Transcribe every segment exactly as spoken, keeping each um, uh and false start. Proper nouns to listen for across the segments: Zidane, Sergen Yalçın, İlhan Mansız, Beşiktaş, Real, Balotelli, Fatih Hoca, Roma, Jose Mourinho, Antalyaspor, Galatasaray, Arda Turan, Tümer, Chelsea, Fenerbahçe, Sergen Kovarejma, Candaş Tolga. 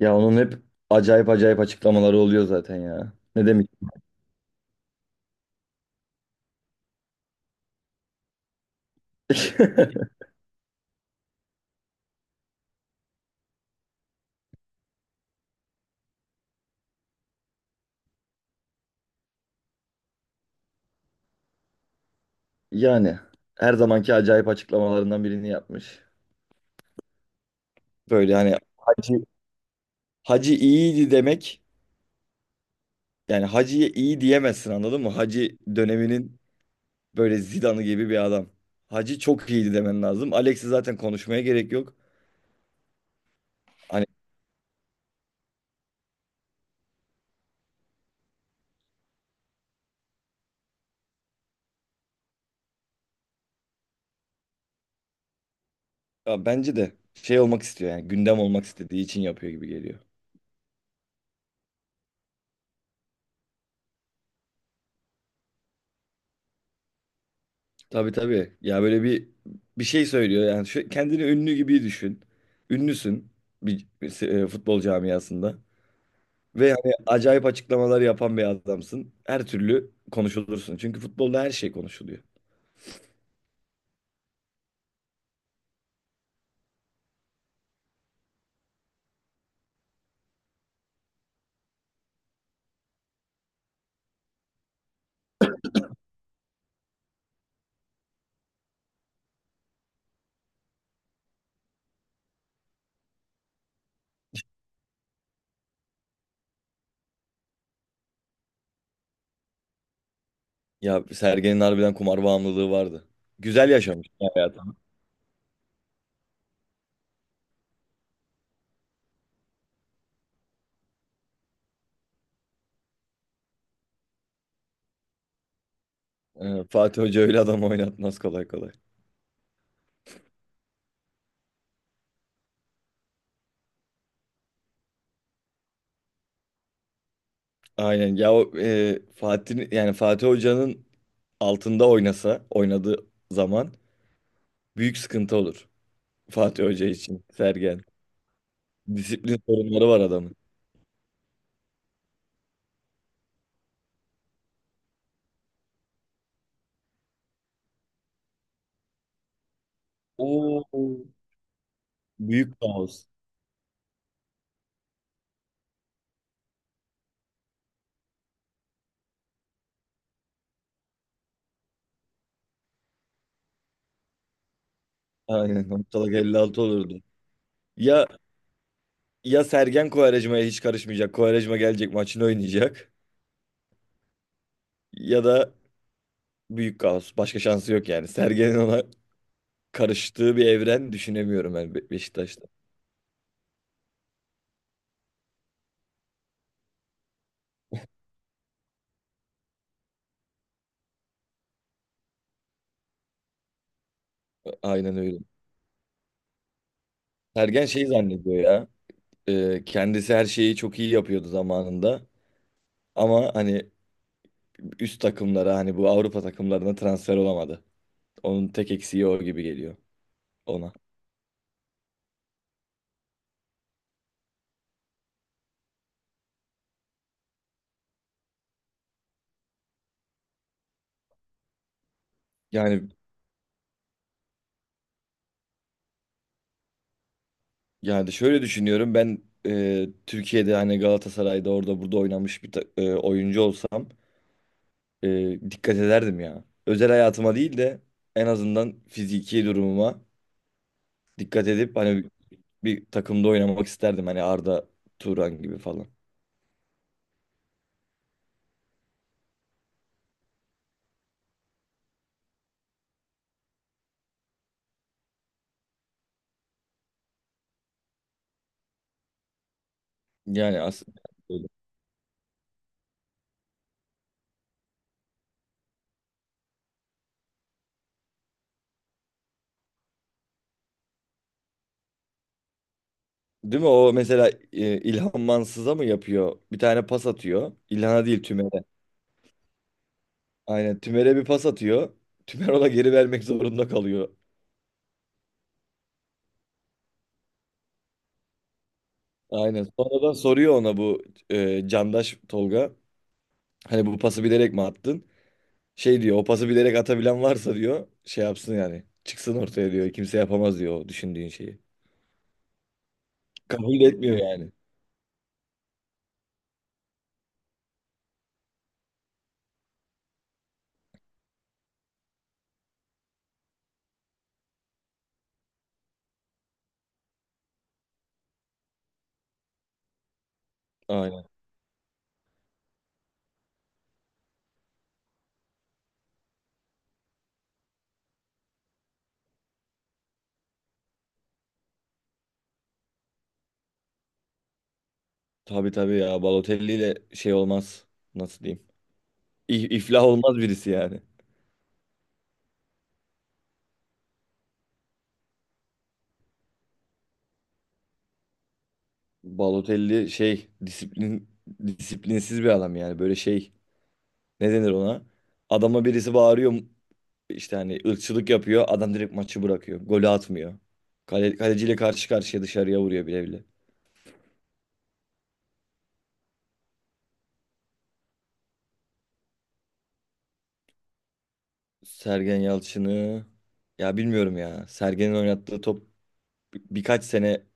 Ya onun hep acayip acayip açıklamaları oluyor zaten ya. Ne demek? Yani her zamanki acayip açıklamalarından birini yapmış. Böyle hani Hacı Hacı iyiydi demek. Yani Hacı'ya iyi diyemezsin anladın mı? Hacı döneminin böyle Zidane'ı gibi bir adam. Hacı çok iyiydi demen lazım. Alex'i zaten konuşmaya gerek yok. Hani ya bence de şey olmak istiyor yani gündem olmak istediği için yapıyor gibi geliyor. Tabii tabii. Ya böyle bir bir şey söylüyor yani şu, kendini ünlü gibi düşün. Ünlüsün bir e, futbol camiasında ve hani acayip açıklamalar yapan bir adamsın. Her türlü konuşulursun. Çünkü futbolda her şey konuşuluyor. Ya Sergen'in harbiden kumar bağımlılığı vardı. Güzel yaşamış hayatını. Ee, Fatih Hoca öyle adam oynatmaz kolay kolay. Aynen ya o e, Fatih yani Fatih Hoca'nın altında oynasa oynadığı zaman büyük sıkıntı olur Fatih Hoca için Sergen. Disiplin sorunları var adamın. Oo. Büyük kaos. Aynen. Ortalık elli altı olurdu. Ya ya Sergen Kovarejma'ya hiç karışmayacak. Kovarejma gelecek maçını oynayacak. Ya da büyük kaos. Başka şansı yok yani. Sergen'in ona karıştığı bir evren düşünemiyorum ben Be- Beşiktaş'ta. Aynen öyle. Sergen şey zannediyor ya. E, kendisi her şeyi çok iyi yapıyordu zamanında. Ama hani üst takımlara hani bu Avrupa takımlarına transfer olamadı. Onun tek eksiği o gibi geliyor ona. Yani yani şöyle düşünüyorum ben e, Türkiye'de hani Galatasaray'da orada burada oynamış bir ta- e, oyuncu olsam e, dikkat ederdim ya. Özel hayatıma değil de en azından fiziki durumuma dikkat edip hani bir takımda oynamak isterdim hani Arda Turan gibi falan. Yani aslında öyle. Değil mi o mesela e, İlhan Mansız'a mı yapıyor? Bir tane pas atıyor. İlhan'a değil Tümer'e. Aynen Tümer'e bir pas atıyor. Tümer ona geri vermek zorunda kalıyor. Aynen. Sonradan soruyor ona bu e, Candaş Tolga. Hani bu pası bilerek mi attın? Şey diyor o pası bilerek atabilen varsa diyor şey yapsın yani. Çıksın ortaya diyor. Kimse yapamaz diyor o düşündüğün şeyi. Kabul etmiyor yani. Aynen. Tabii tabii ya Balotelli ile şey olmaz. Nasıl diyeyim? İ- İflah olmaz birisi yani. Balotelli şey disiplin disiplinsiz bir adam yani. Böyle şey ne denir ona? Adama birisi bağırıyor işte hani ırkçılık yapıyor. Adam direkt maçı bırakıyor. Golü atmıyor. Kale, kaleciyle karşı karşıya dışarıya vuruyor bile bile. Sergen Yalçın'ı ya bilmiyorum ya. Sergen'in oynattığı top bir- birkaç sene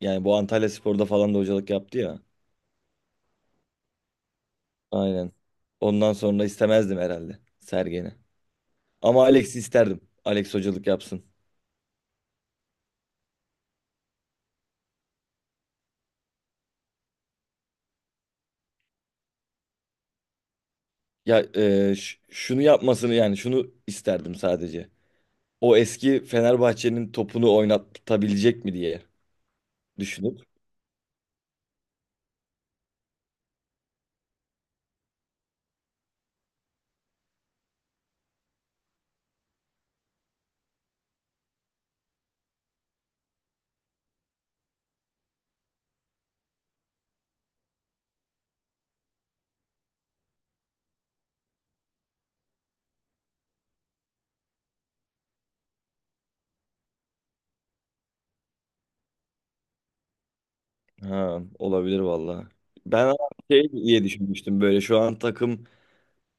yani bu Antalyaspor'da falan da hocalık yaptı ya. Aynen. Ondan sonra istemezdim herhalde Sergen'i. Ama Alex'i isterdim. Alex hocalık yapsın. Ya e, ş- şunu yapmasını yani şunu isterdim sadece. O eski Fenerbahçe'nin topunu oynatabilecek mi diye düşünüp. Ha olabilir valla. Ben şey diye düşünmüştüm böyle şu an takım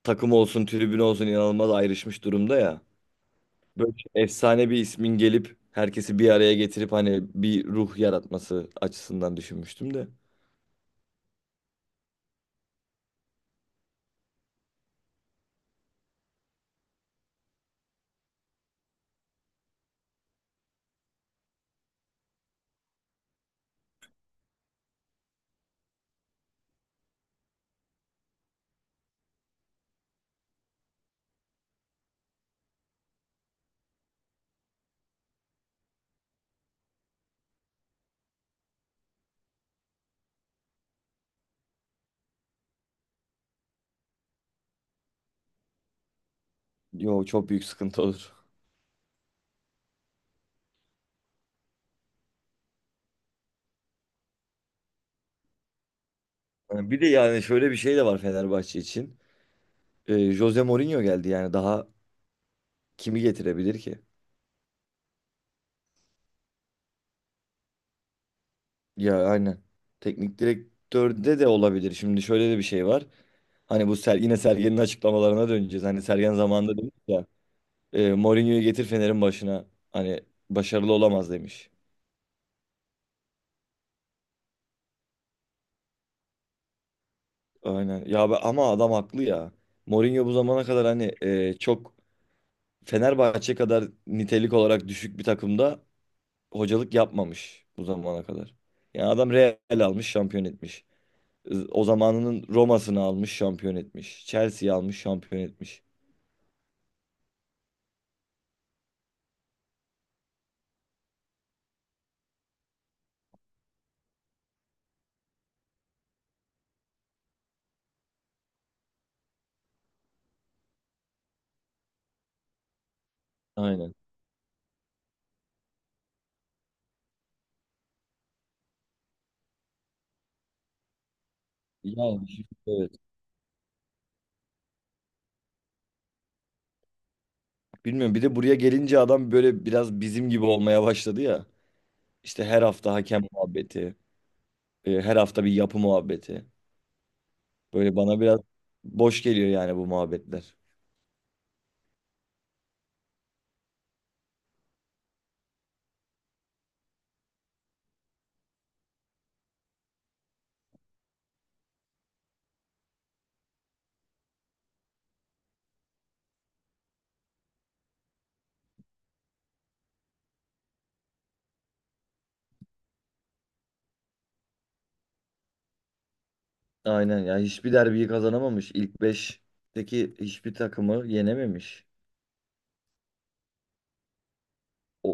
takım olsun, tribün olsun inanılmaz ayrışmış durumda ya. Böyle efsane bir ismin gelip herkesi bir araya getirip hani bir ruh yaratması açısından düşünmüştüm de. Yo çok büyük sıkıntı olur. Yani bir de yani şöyle bir şey de var Fenerbahçe için. Ee, Jose Mourinho geldi yani daha kimi getirebilir ki? Ya aynen. Teknik direktörde de olabilir. Şimdi şöyle de bir şey var. Hani bu Ser, yine Sergen'in açıklamalarına döneceğiz. Hani Sergen zamanında demiş ya. E, Mourinho'yu getir Fener'in başına. Hani başarılı olamaz demiş. Aynen. Ya be- ama adam haklı ya. Mourinho bu zamana kadar hani e, çok Fenerbahçe kadar nitelik olarak düşük bir takımda hocalık yapmamış bu zamana kadar. Yani adam Real almış, şampiyon etmiş. Z- O zamanının Roma'sını almış, şampiyon etmiş. Chelsea'yi almış, şampiyon etmiş. Aynen. Yani evet. Bilmiyorum. Bir de buraya gelince adam böyle biraz bizim gibi olmaya başladı ya. İşte her hafta hakem muhabbeti, e, her hafta bir yapı muhabbeti. Böyle bana biraz boş geliyor yani bu muhabbetler. Aynen ya hiçbir derbiyi kazanamamış. İlk beşteki hiçbir takımı yenememiş. O,